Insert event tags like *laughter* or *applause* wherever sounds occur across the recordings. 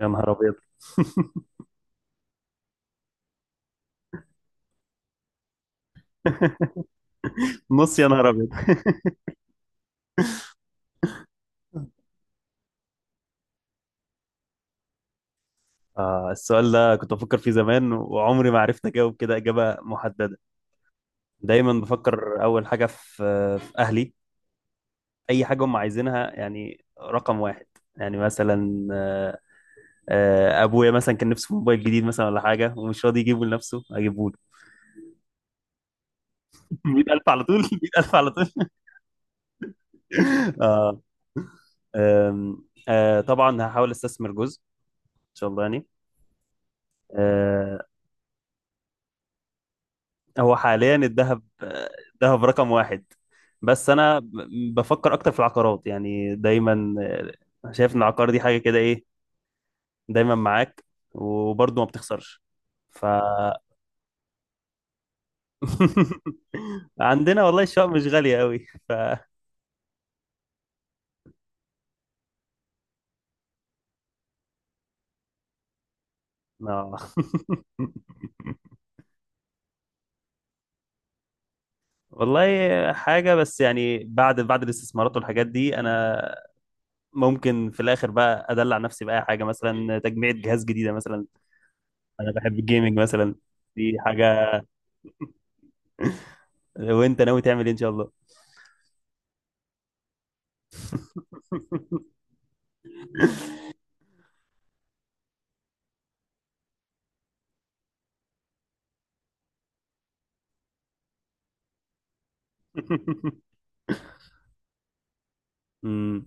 يا نهار ابيض. نص يا نهار ابيض. السؤال ده كنت بفكر فيه زمان وعمري ما عرفت اجاوب كده اجابه محدده. دايما بفكر اول حاجه في اهلي. اي حاجه هم عايزينها يعني رقم واحد. يعني مثلا ابويا مثلا كان نفسه في موبايل جديد مثلا ولا حاجه ومش راضي يجيبه لنفسه اجيبه له. *laughs* 100,000 على طول. *laughs* 100,000 على طول. *laughs* آه، آم، آه، طبعا هحاول استثمر جزء ان شاء الله يعني. آه، هو حاليا الذهب. الذهب رقم واحد. بس انا بفكر اكتر في العقارات يعني دايما، شايف ان العقار دي حاجه كده ايه، دايما معاك وبرضه ما بتخسرش. ف *laughs* عندنا والله الشقق مش غاليه قوي. ف آه. *laughs* والله حاجه، بس يعني بعد الاستثمارات والحاجات دي انا ممكن في الاخر بقى ادلع نفسي باي حاجه مثلا تجميع جهاز جديده مثلا. انا بحب الجيمنج مثلا. دي حاجه. وانت ناوي تعمل ايه ان شاء الله؟ *laughs* امم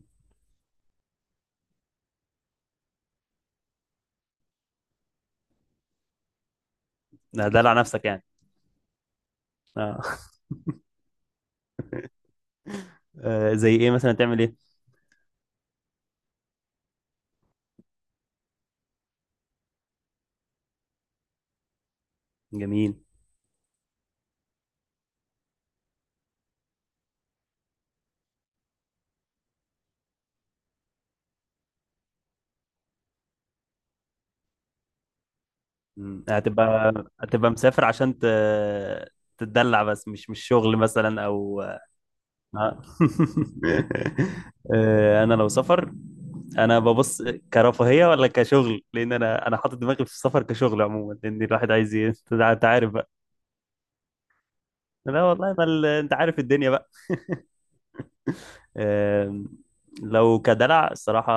ده دلع نفسك يعني؟ اه، زي ايه مثلا تعمل ايه؟ جميل. مم. هتبقى. مسافر عشان تتدلع، بس مش شغل مثلا او *laughs* انا لو سفر انا ببص كرفاهيه ولا كشغل، لان انا حاطط دماغي في السفر كشغل عموما، لان الواحد عايز انت عارف بقى. لا والله. ما ال... انت عارف الدنيا. آم، لو كدلع الصراحة،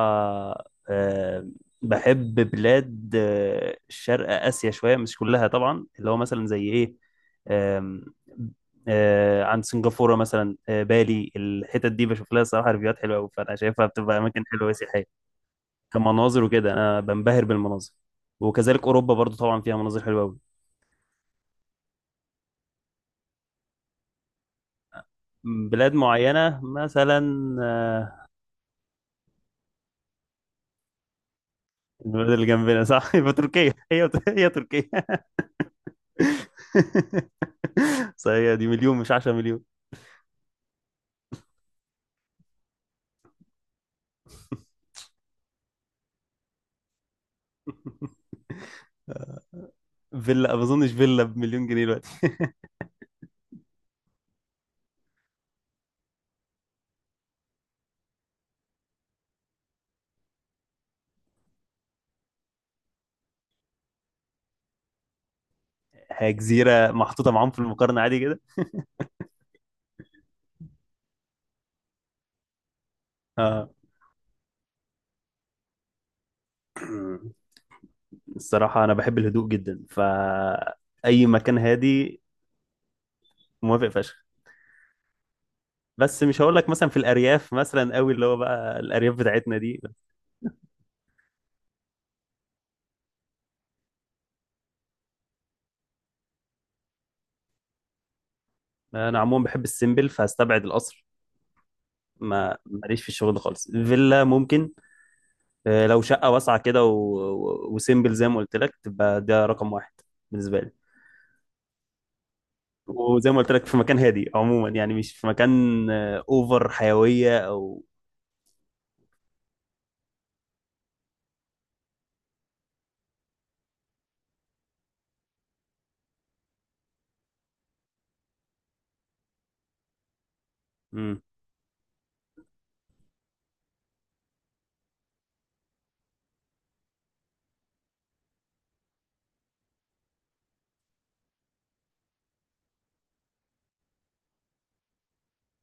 آم، بحب بلاد شرق آسيا شوية، مش كلها طبعا، اللي هو مثلا زي إيه. آم، عند سنغافورة مثلا، بالي، الحتت دي بشوف لها الصراحة ريفيوهات حلوة أوي، فأنا شايفها بتبقى أماكن حلوة سياحية. كمناظر وكده، أنا بنبهر بالمناظر. وكذلك أوروبا برضو طبعا فيها مناظر حلوة أوي. بلاد معينة مثلا. آه، البلد اللي جنبنا، صح. *laughs* يبقى تركيا هي. هي تركيا. *laughs* صحيح، دي مليون مش 10 مليون. فيلا؟ ما اظنش فيلا بمليون جنيه دلوقتي. هي جزيره محطوطه معاهم في المقارنه عادي كده. اه. *clears throat* الصراحه انا بحب الهدوء جدا، فاي مكان هادي موافق فشخ. بس مش هقول لك مثلا في الارياف مثلا قوي، اللي هو بقى الارياف بتاعتنا دي. انا عموما بحب السيمبل، فهستبعد القصر. ما ماليش في الشغل ده خالص. فيلا ممكن، لو شقه واسعه كده وسيمبل زي ما قلت لك، تبقى ده رقم واحد بالنسبه لي. وزي ما قلت لك في مكان هادي عموما، يعني مش في مكان اوفر حيويه او مم.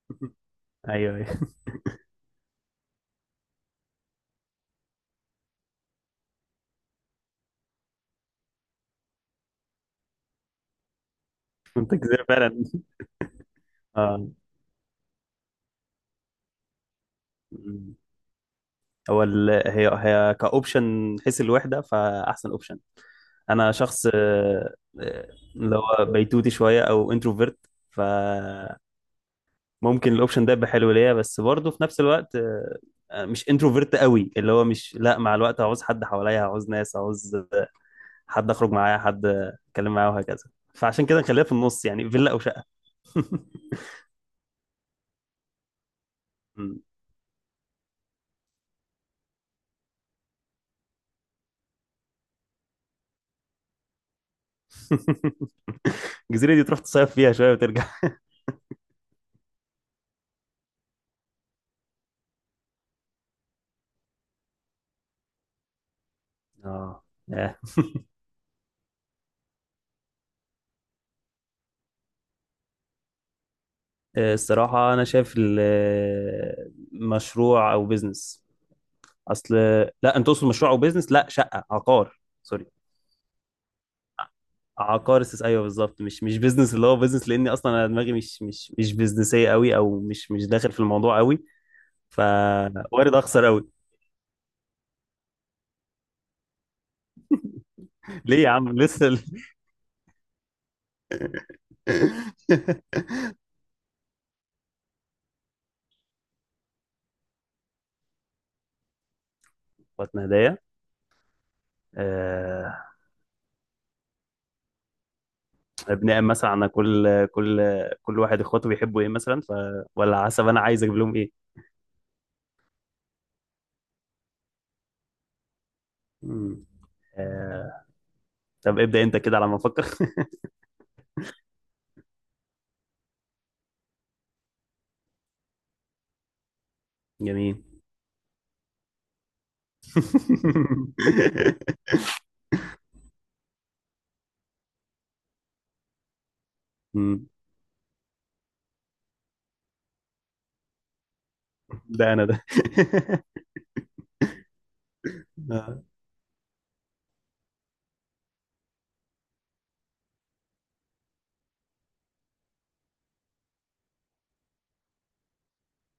*laughs* ايوه، ايوه. *laughs* انت كده فعلا. اه. مم. هو هي، هي كاوبشن، حيث الوحده فاحسن اوبشن. انا شخص آه، اللي هو بيتوتي شويه او انتروفيرت. فممكن الاوبشن ده يبقى حلو ليا، بس برضه في نفس الوقت مش انتروفيرت قوي، اللي هو مش، لا، مع الوقت هعوز حد حواليا، هعوز ناس، هعوز حد اخرج معاه، حد اتكلم معاه وهكذا. فعشان كده نخليها في النص يعني، فيلا او شقه. *laughs* مم. *laughs* الجزيره دي تروح تصيف فيها شويه وترجع. اه. آه. الصراحه انا شايف مشروع او بيزنس، اصل، لا انت تقصد مشروع او بيزنس، لا، شقه، عقار، سوري. عقار ايوه بالظبط، مش بيزنس، اللي هو بيزنس، لاني اصلا انا دماغي مش بيزنسيه قوي، او مش داخل في الموضوع قوي. فوارد اخسر قوي. *laughs* ليه يا عم لسه. *laughs* اخواتنا هدايا. آه، بناء مثلا على كل كل واحد اخواته بيحبوا ايه مثلا، ولا حسب انا عايز اجيب لهم ايه. مم. آه، طب ابدأ انت كده على ما افكر. *laughs* جميل. *laughs* مم. ده انا ده. *laughs* آه.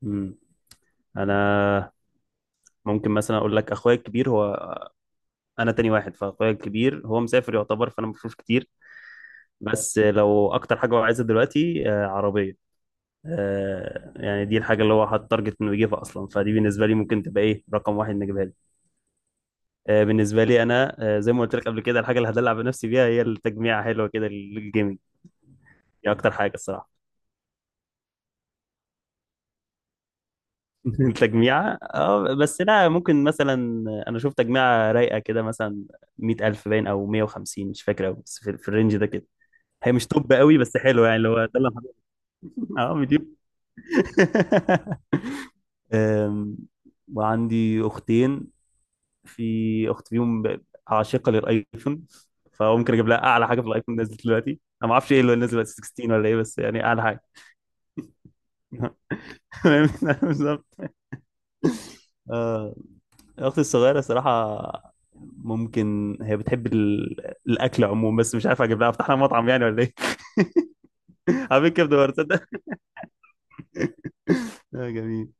مم. انا ممكن مثلا اقول لك، اخويا الكبير هو، انا تاني واحد، فاخويا الكبير هو مسافر يعتبر، فانا مفروش كتير. بس لو اكتر حاجه هو عايزها دلوقتي عربيه. يعني دي الحاجة اللي هو حاطط تارجت انه يجيبها اصلا، فدي بالنسبة لي ممكن تبقى ايه، رقم واحد نجيبها لي. بالنسبة لي انا زي ما قلت لك قبل كده، الحاجة اللي هدلع بنفسي بيها هي التجميعة حلوة كده للجيمنج. دي اكتر حاجة الصراحة. *laughs* التجميعة، اه، بس لا ممكن مثلا انا شوف تجميعة رايقة كده مثلا 100,000 باين او 150، مش فاكر أوي بس في الرينج ده كده. هي مش توب قوي بس حلو، يعني اللي هو ده اللي أنا حاطه. *laughs* اه، مليون. *laughs* أم، وعندي اختين، في اخت فيهم عاشقه للايفون، فممكن اجيب لها اعلى حاجه في الايفون نازل دلوقتي. انا ما اعرفش ايه اللي نازل دلوقتي، 16 ولا ايه، بس يعني اعلى حاجه. *laughs* بالظبط. آه، اختي الصغيره صراحه ممكن، هي بتحب الاكل عموما، بس مش عارف اجيب لها، افتح لها مطعم يعني ولا ايه. *laughs* عامل كبده ورد، تصدق. *laughs* جميل.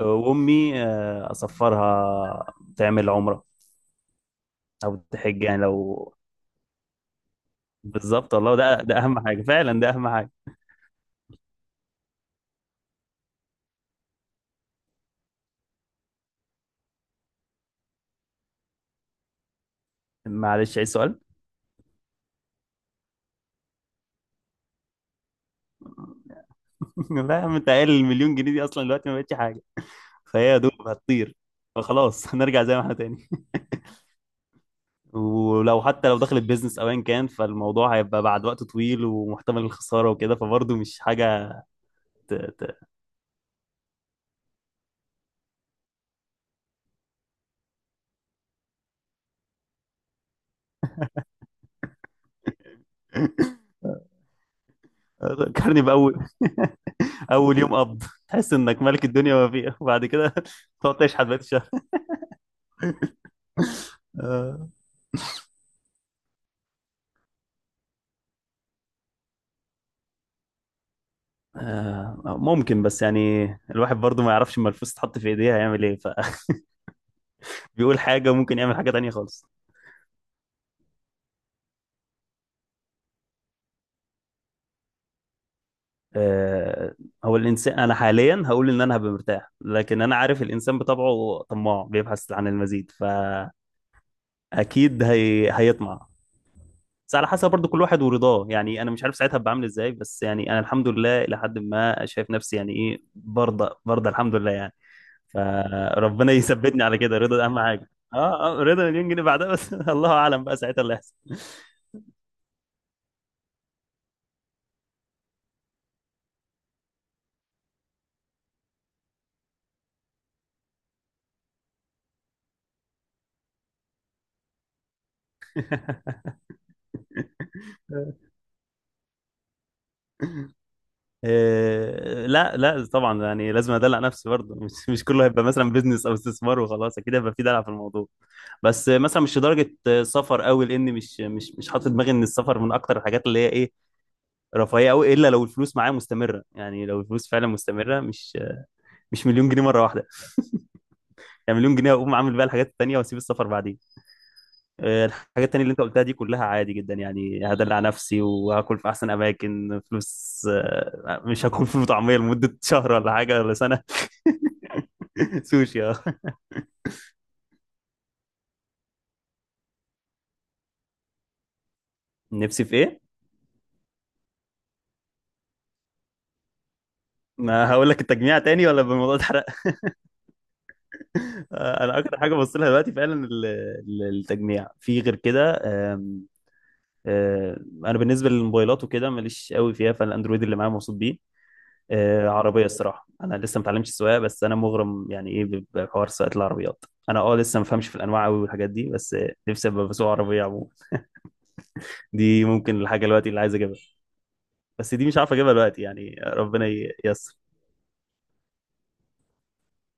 وامي اصفرها تعمل عمره او تحج، يعني لو. بالظبط والله ده اهم حاجه فعلا، ده اهم حاجه. معلش عايز سؤال. *laughs* لا يا عم، انت قايل المليون جنيه دي اصلا دلوقتي ما بقتش حاجه، فهي يا دوب هتطير، فخلاص *laughs* هنرجع زي ما احنا تاني. ولو حتى لو دخلت بيزنس او ايا كان، فالموضوع هيبقى بعد وقت طويل ومحتمل الخساره وكده، فبرضه مش حاجه ت... ت... فكرني باول، اول يوم قبض تحس انك ملك الدنيا وما فيها، وبعد كده *laughs* تقعد تشحت بقيت الشهر. آه، ممكن، بس يعني الواحد برضه ما يعرفش اما الفلوس تتحط في ايديه هيعمل ايه، فبيقول *laughs* حاجه، وممكن يعمل حاجه تانيه خالص. آه، هو الانسان، انا حاليا هقول ان انا هبقى مرتاح، لكن انا عارف الانسان بطبعه طماع بيبحث عن المزيد، فاكيد هيطمع. بس على حسب برضو كل واحد ورضاه، يعني انا مش عارف ساعتها هبقى عامل ازاي، بس يعني انا الحمد لله الى حد ما شايف نفسي، يعني ايه، برضى، برضى الحمد لله يعني. فربنا *laughs* يثبتني على كده، رضا اهم حاجه، اه، رضا مليون جنيه بعدها، بس *laughs* الله اعلم بقى ساعتها اللي هيحصل. إيه، لا لا طبعا، يعني لازم ادلع نفسي برضه. *laughs* مش كله هيبقى مثلا بيزنس او استثمار وخلاص، اكيد هيبقى في دلع في الموضوع. بس مثلا مش لدرجه سفر قوي، لان مش حاطط دماغي ان السفر من اكتر الحاجات اللي هي ايه، رفاهيه قوي، الا لو الفلوس معايا مستمره، يعني لو الفلوس فعلا مستمره، مش مليون جنيه مره واحده. يعني مليون جنيه اقوم عامل بقى الحاجات التانيه واسيب السفر بعدين. الحاجات التانيه اللي انت قلتها دي كلها عادي جدا، يعني هدلع نفسي وهاكل في احسن اماكن فلوس، مش هاكل فول وطعميه لمده شهر ولا حاجه ولا سنه. *laughs* سوشي، اه. نفسي في ايه؟ ما هقول لك التجميع تاني ولا بالموضوع اتحرق. *laughs* انا اكتر حاجه ببص لها دلوقتي فعلا التجميع، في غير كده آم، آه، انا بالنسبه للموبايلات وكده ماليش قوي فيها، فالاندرويد اللي معايا مبسوط بيه. عربيه الصراحه، انا لسه ما اتعلمتش السواقه، بس انا مغرم يعني ايه بحوار سواقه العربيات، انا اه لسه ما فهمش في الانواع قوي والحاجات دي، بس نفسي ابقى بسوق عربيه عموما. دي ممكن الحاجه دلوقتي اللي عايز اجيبها، بس دي مش عارف اجيبها دلوقتي، يعني ربنا ييسر.